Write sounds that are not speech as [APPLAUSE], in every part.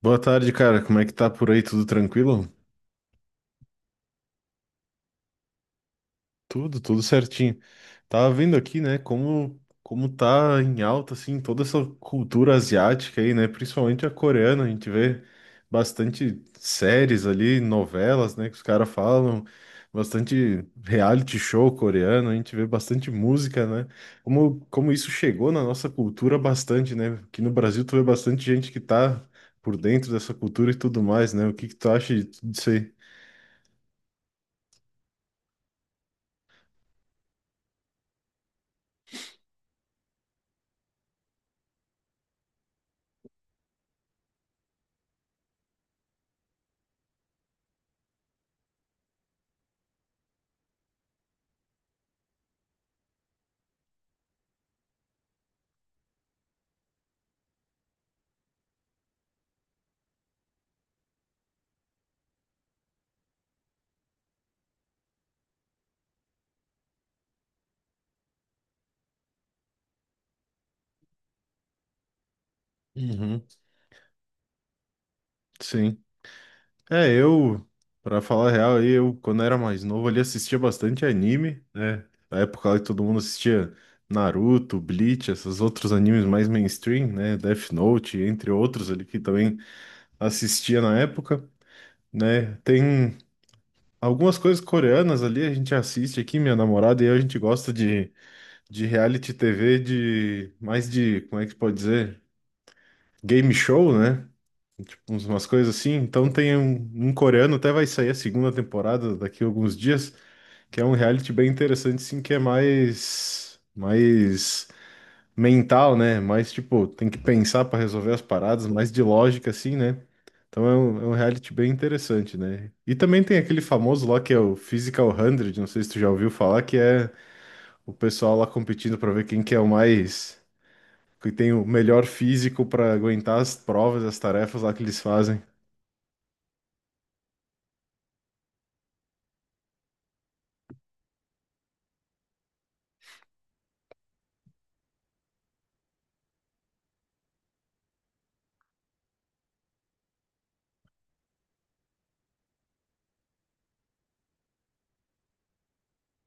Boa tarde, cara. Como é que tá por aí? Tudo tranquilo? Tudo certinho. Tava vendo aqui, né, como tá em alta assim toda essa cultura asiática aí, né, principalmente a coreana, a gente vê bastante séries ali, novelas, né, que os caras falam, bastante reality show coreano, a gente vê bastante música, né? Como isso chegou na nossa cultura bastante, né? Aqui no Brasil tu vê bastante gente que tá por dentro dessa cultura e tudo mais, né? O que que tu acha disso aí? Uhum. Sim. É, eu, pra falar a real, aí, eu, quando era mais novo, ali assistia bastante anime, né? Na época ali todo mundo assistia Naruto, Bleach, esses outros animes mais mainstream, né? Death Note, entre outros ali que também assistia na época, né? Tem algumas coisas coreanas ali, a gente assiste aqui, minha namorada e eu, a gente gosta de reality TV de mais de, como é que pode dizer? Game show, né? Tipo, umas coisas assim. Então tem um coreano, até vai sair a segunda temporada daqui a alguns dias, que é um reality bem interessante, sim, que é mais mental, né? Mais tipo, tem que pensar para resolver as paradas, mais de lógica, assim, né? Então é um reality bem interessante, né? E também tem aquele famoso lá que é o Physical 100, não sei se tu já ouviu falar, que é o pessoal lá competindo para ver quem que é o mais que tem o melhor físico para aguentar as provas, as tarefas lá que eles fazem.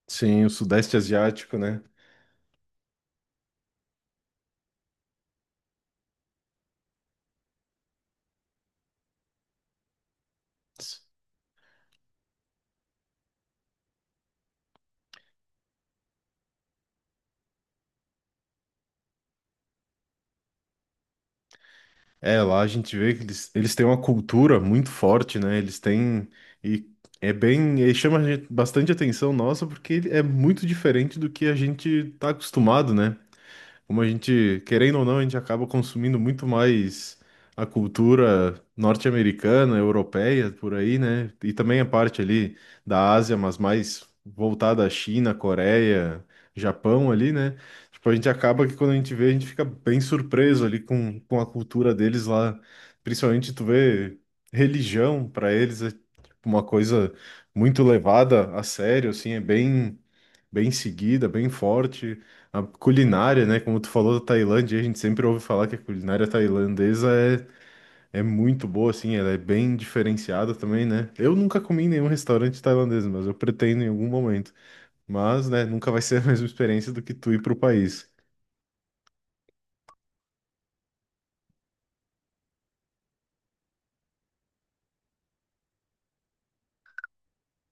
Sim, o Sudeste Asiático, né? É, lá a gente vê que eles têm uma cultura muito forte, né? Eles têm. E é bem. E bastante atenção nossa, porque ele é muito diferente do que a gente tá acostumado, né? Como a gente, querendo ou não, a gente acaba consumindo muito mais a cultura norte-americana, europeia, por aí, né? E também a parte ali da Ásia, mas mais voltada à China, Coreia, Japão ali, né? Tipo, a gente acaba que quando a gente vê, a gente fica bem surpreso ali com a cultura deles lá. Principalmente tu vê religião para eles, é tipo, uma coisa muito levada a sério, assim, é bem seguida, bem forte. A culinária, né? Como tu falou da Tailândia, a gente sempre ouve falar que a culinária tailandesa é, é muito boa, assim, ela é bem diferenciada também, né? Eu nunca comi em nenhum restaurante tailandês, mas eu pretendo em algum momento. Mas, né, nunca vai [LAUGHS] ser a mesma experiência do que tu ir pro país.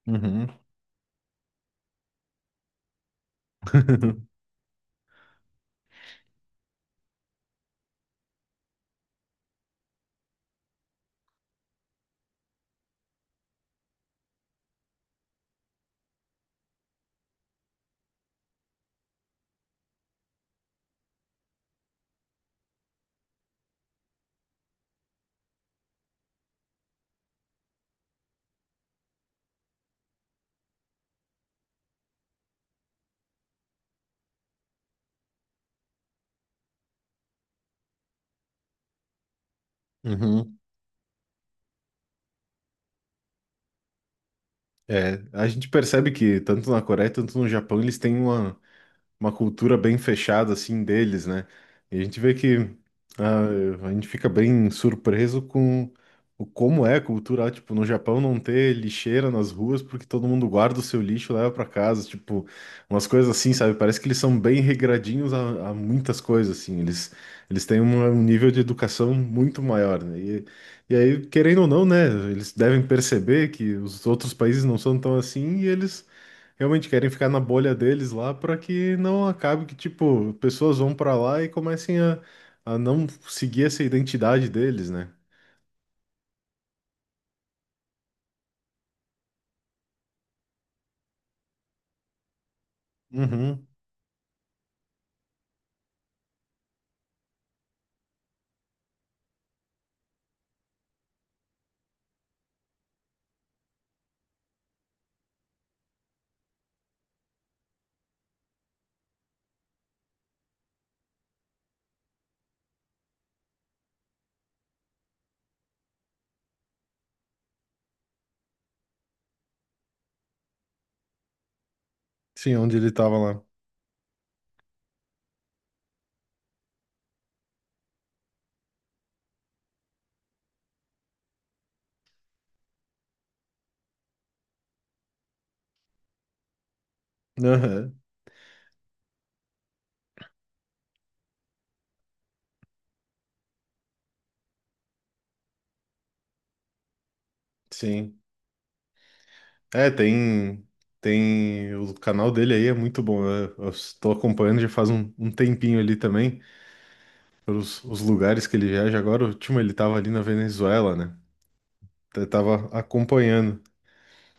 Uhum. [LAUGHS] Uhum. É, a gente percebe que tanto na Coreia, tanto no Japão, eles têm uma cultura bem fechada assim deles, né? E a gente vê que ah, a gente fica bem surpreso com o como é a cultura lá. Tipo, no Japão não ter lixeira nas ruas porque todo mundo guarda o seu lixo e leva para casa, tipo, umas coisas assim, sabe? Parece que eles são bem regradinhos a muitas coisas assim. Eles têm um nível de educação muito maior, né? E aí, querendo ou não, né, eles devem perceber que os outros países não são tão assim e eles realmente querem ficar na bolha deles lá para que não acabe que, tipo, pessoas vão para lá e comecem a não seguir essa identidade deles, né? Uhum. Sim, onde ele tava lá. Aham. Sim. É, tem, tem. O canal dele aí é muito bom. Eu estou acompanhando já faz um tempinho ali também, pelos os lugares que ele viaja. Agora, o último ele tava ali na Venezuela, né? Eu tava acompanhando.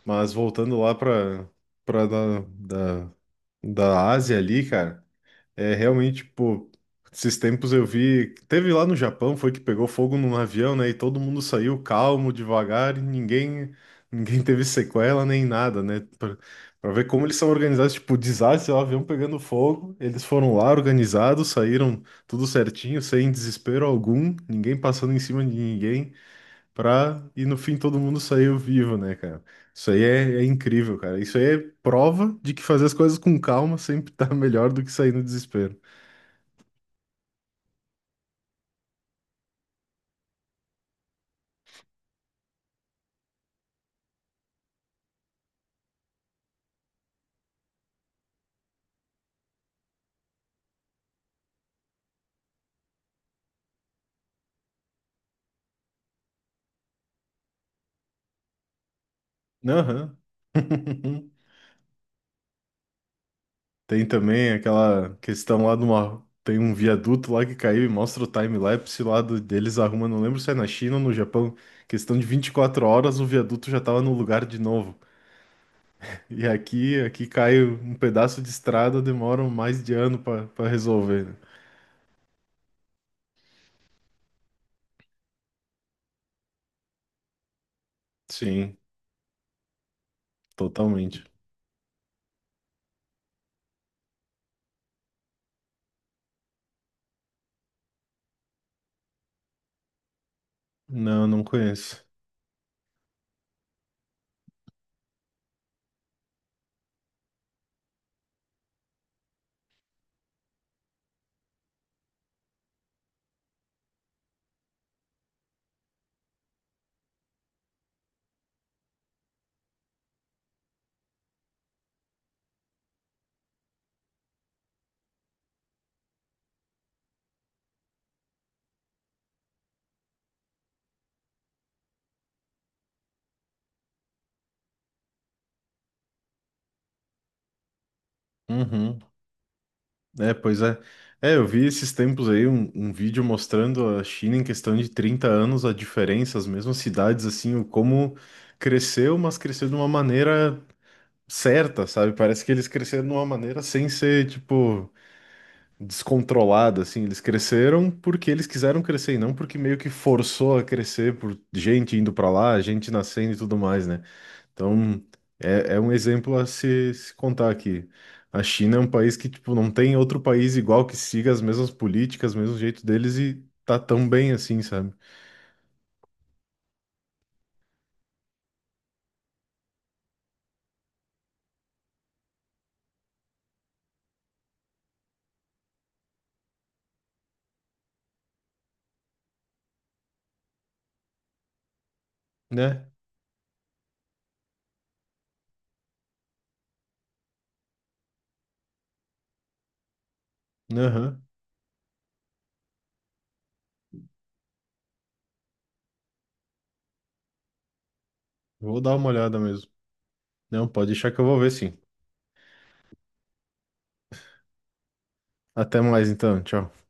Mas voltando lá para para da, da, da Ásia ali, cara, é realmente, tipo, esses tempos eu vi, teve lá no Japão, foi que pegou fogo num avião, né, e todo mundo saiu calmo, devagar, e ninguém [LAUGHS] teve sequela nem nada, né? Pra ver como eles são organizados, tipo, desastre, o avião pegando fogo, eles foram lá organizados, saíram tudo certinho, sem desespero algum, ninguém passando em cima de ninguém pra... E no fim todo mundo saiu vivo, né, cara? Isso aí é, é incrível, cara. Isso aí é prova de que fazer as coisas com calma sempre tá [LAUGHS] melhor do que sair no desespero. Aham. [LAUGHS] Tem também aquela questão lá de uma. Tem um viaduto lá que caiu e mostra o time-lapse lá deles arrumando. Não lembro se é na China ou no Japão. Questão de 24 horas, o viaduto já tava no lugar de novo. E aqui cai um pedaço de estrada, demora mais de ano pra resolver, né? Sim, totalmente. Não, não conheço. Uhum. É, pois é. É, eu vi esses tempos aí um vídeo mostrando a China em questão de 30 anos, a diferença, as mesmas cidades, assim, o como cresceu, mas cresceu de uma maneira certa, sabe? Parece que eles cresceram de uma maneira sem ser, tipo, descontrolada, assim. Eles cresceram porque eles quiseram crescer e não porque meio que forçou a crescer por gente indo pra lá, gente nascendo e tudo mais, né? Então, é, é um exemplo a se contar aqui. A China é um país que, tipo, não tem outro país igual que siga as mesmas políticas, mesmo jeito deles e tá tão bem assim, sabe? Né? Aham. Vou dar uma olhada mesmo. Não, pode deixar que eu vou ver sim. Até mais então. Tchau.